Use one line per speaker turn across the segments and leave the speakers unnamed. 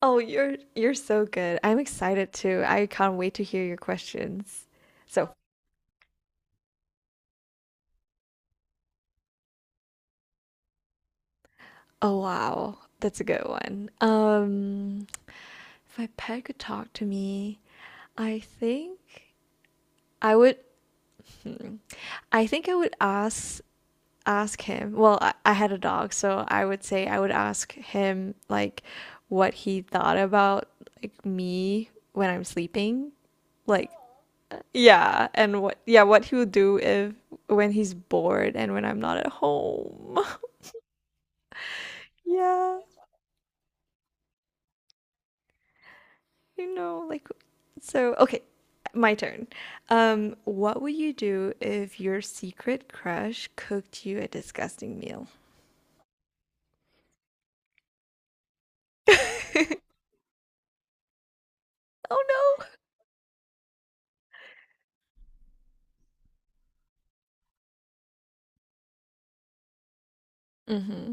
Oh, you're so good. I'm excited too. I can't wait to hear your questions. So, oh wow, that's a good one. If my pet could talk to me, I think I would hmm, I think I would ask him. Well, I had a dog, so I would say I would ask him like what he thought about like me when I'm sleeping. Like Yeah, and what he will do if when he's bored and when I'm not at home. Yeah, like so okay, my turn. What would you do if your secret crush cooked you a disgusting meal? Oh no. Mm-hmm.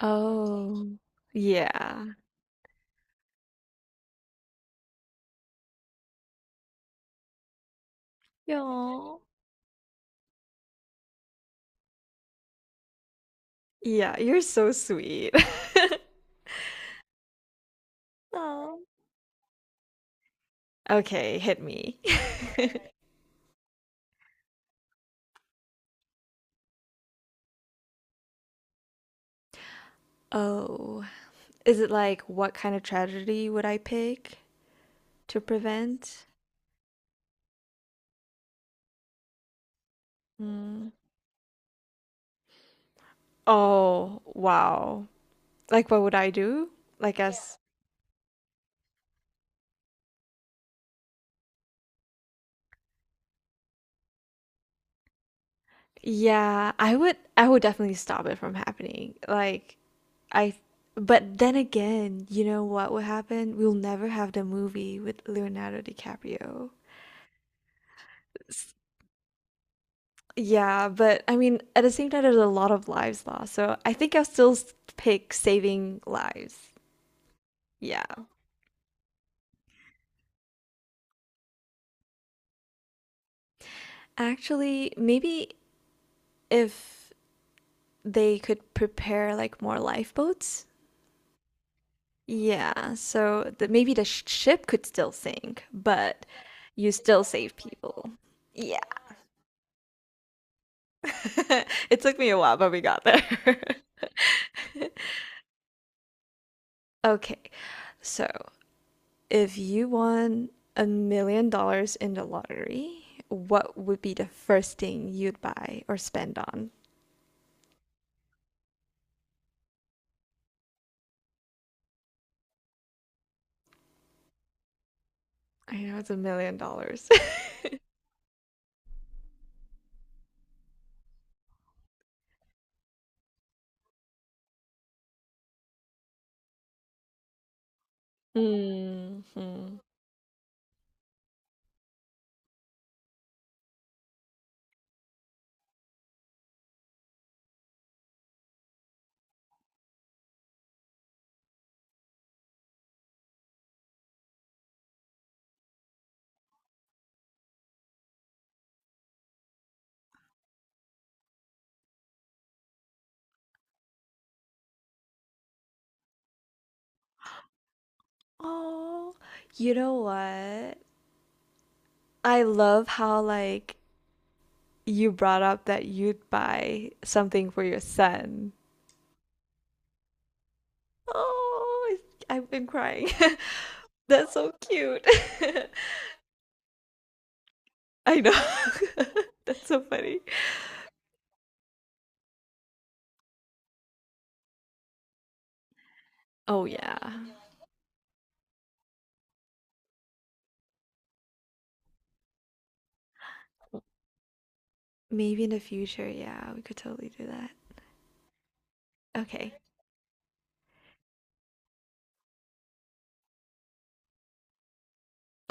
Oh. Yeah. Yo. Yeah, you're so sweet. Oh. Okay, hit me. Oh, is it like what kind of tragedy would I pick to prevent? Mm. Oh, wow. Like what would I do? Like Yeah. as yeah, I would definitely stop it from happening. Like I But then again, you know what would happen? We'll never have the movie with Leonardo DiCaprio. S- Yeah, but I mean, at the same time, there's a lot of lives lost. So I think I'll still pick saving lives. Yeah. Actually, maybe if they could prepare like more lifeboats. Yeah, so maybe the ship could still sink, but you still save people. Yeah. It took me a while, but we got there. Okay, so if you won $1 million in the lottery, what would be the first thing you'd buy or spend on? I know it's $1 million. hmm Oh, you know what? I love how like you brought up that you'd buy something for your son. Oh, I- have been crying. That's so cute. I know. That's so funny. Oh yeah. Maybe in the future, yeah, we could totally do that. Okay.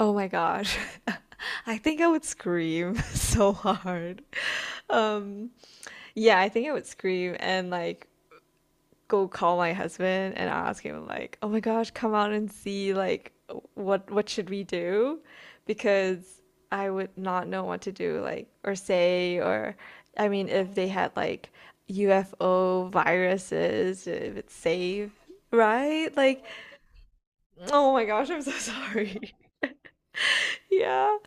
Oh my gosh. I think I would scream so hard. Um, yeah, I think I would scream and like go call my husband and ask him like, "Oh my gosh, come out and see like what should we do?" Because I would not know what to do like or say or I mean if they had like UFO viruses, if it's safe, right? Like, oh my gosh, I'm so sorry. Yeah.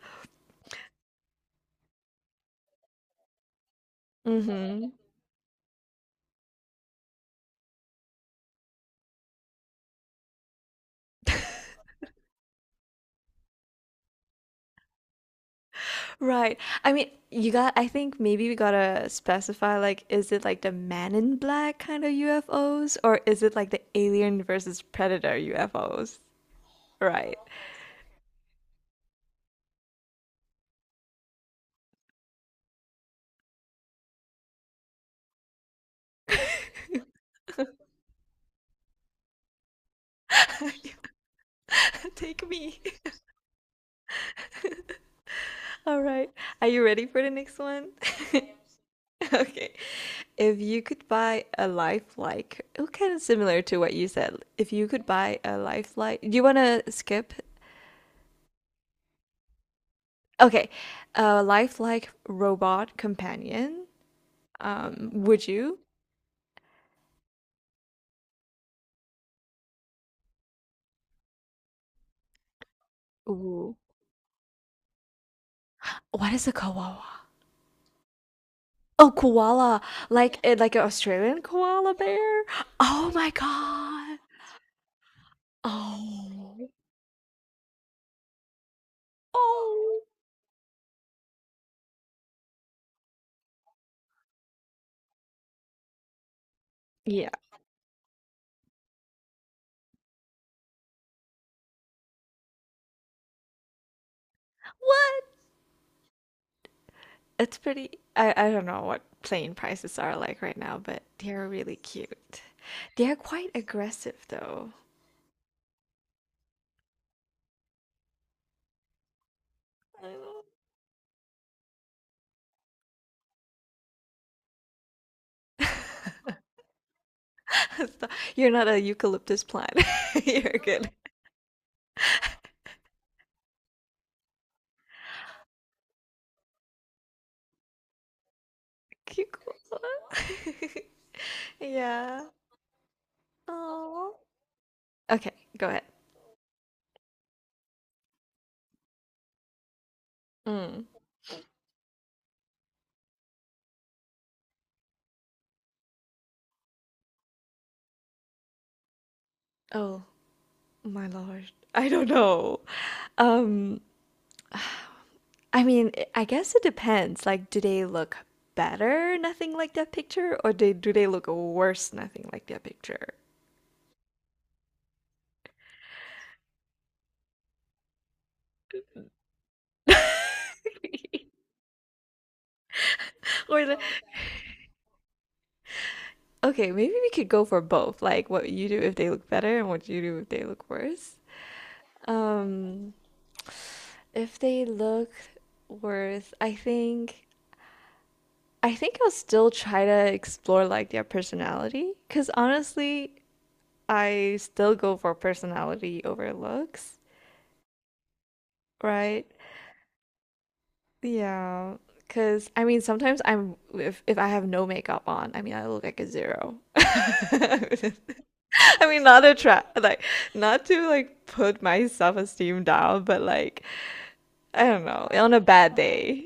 Mhm. Right. I mean, I think maybe we gotta specify like, is it like the Man in Black kind of UFOs or is it like the Alien versus Predator UFOs? Right. Take me. All right. Are you ready for the next one? Okay. If you could buy a lifelike, oh, kind of similar to what you said. If you could buy a lifelike, do you want to skip? Okay. A lifelike robot companion, would you? Ooh. What is a koala? Oh, koala. Like like an Australian koala bear? Oh my God. Oh. Oh. Yeah. What? It's pretty I don't know what plane prices are like right now, but they're really cute. They're quite aggressive though. I know. Stop. You're not a eucalyptus plant. You're good. Cute koala. Yeah. Oh. Okay, go ahead. Mm. Oh. My lord. I don't know. Um, I mean, I guess it depends. Like, do they look better, nothing like that picture, or they do they look worse, nothing like that picture? Or the, okay, maybe we could go for both. Like, what you do if they look better, and what you do if they look worse. Um, if they look worse, I think I'll still try to explore like their personality. Because honestly, I still go for personality over looks, right? Yeah, because I mean, sometimes I'm if I have no makeup on, I mean, I look like a zero. I mean, not a try, like not to like put my self-esteem down, but like I don't know, on a bad day.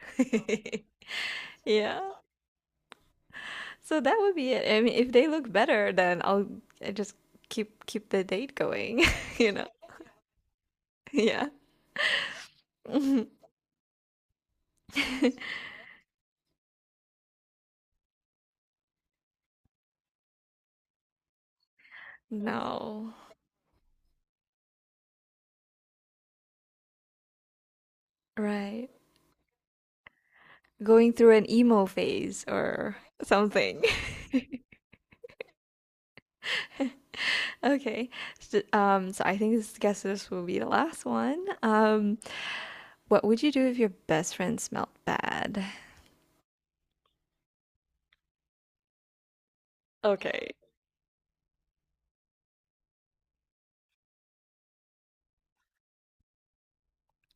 Yeah. So that would be it. I mean, if they look better, then I'll I just keep the date going, you know? Yeah. No. Right. Going through an emo phase or something. Okay. So, I think this guess this will be the last one. What would you do if your best friend smelled bad? Okay.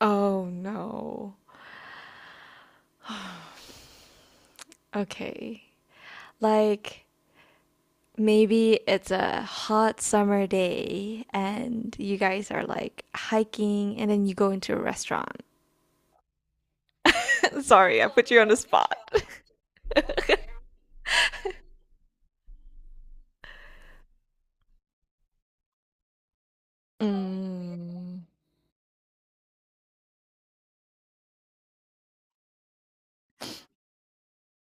Oh no. Okay. Like maybe it's a hot summer day and you guys are like hiking and then you go into a restaurant. Sorry, I put you on the spot. Mm,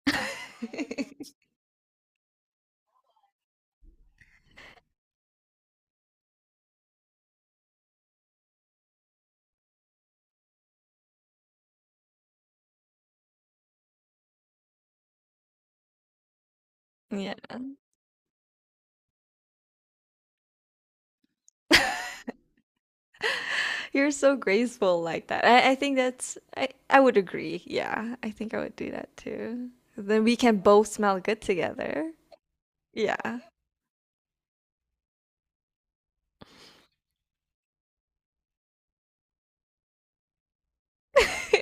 yeah. You're so graceful like that. I think I would agree. Yeah, I think I would do that too. Then we can both smell good together. Yeah.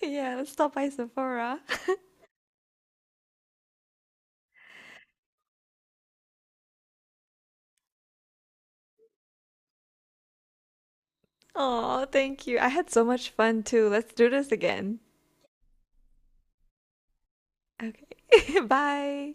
Yeah, let's stop by Sephora. Oh, thank you. I had so much fun too. Let's do this again. Okay. Bye.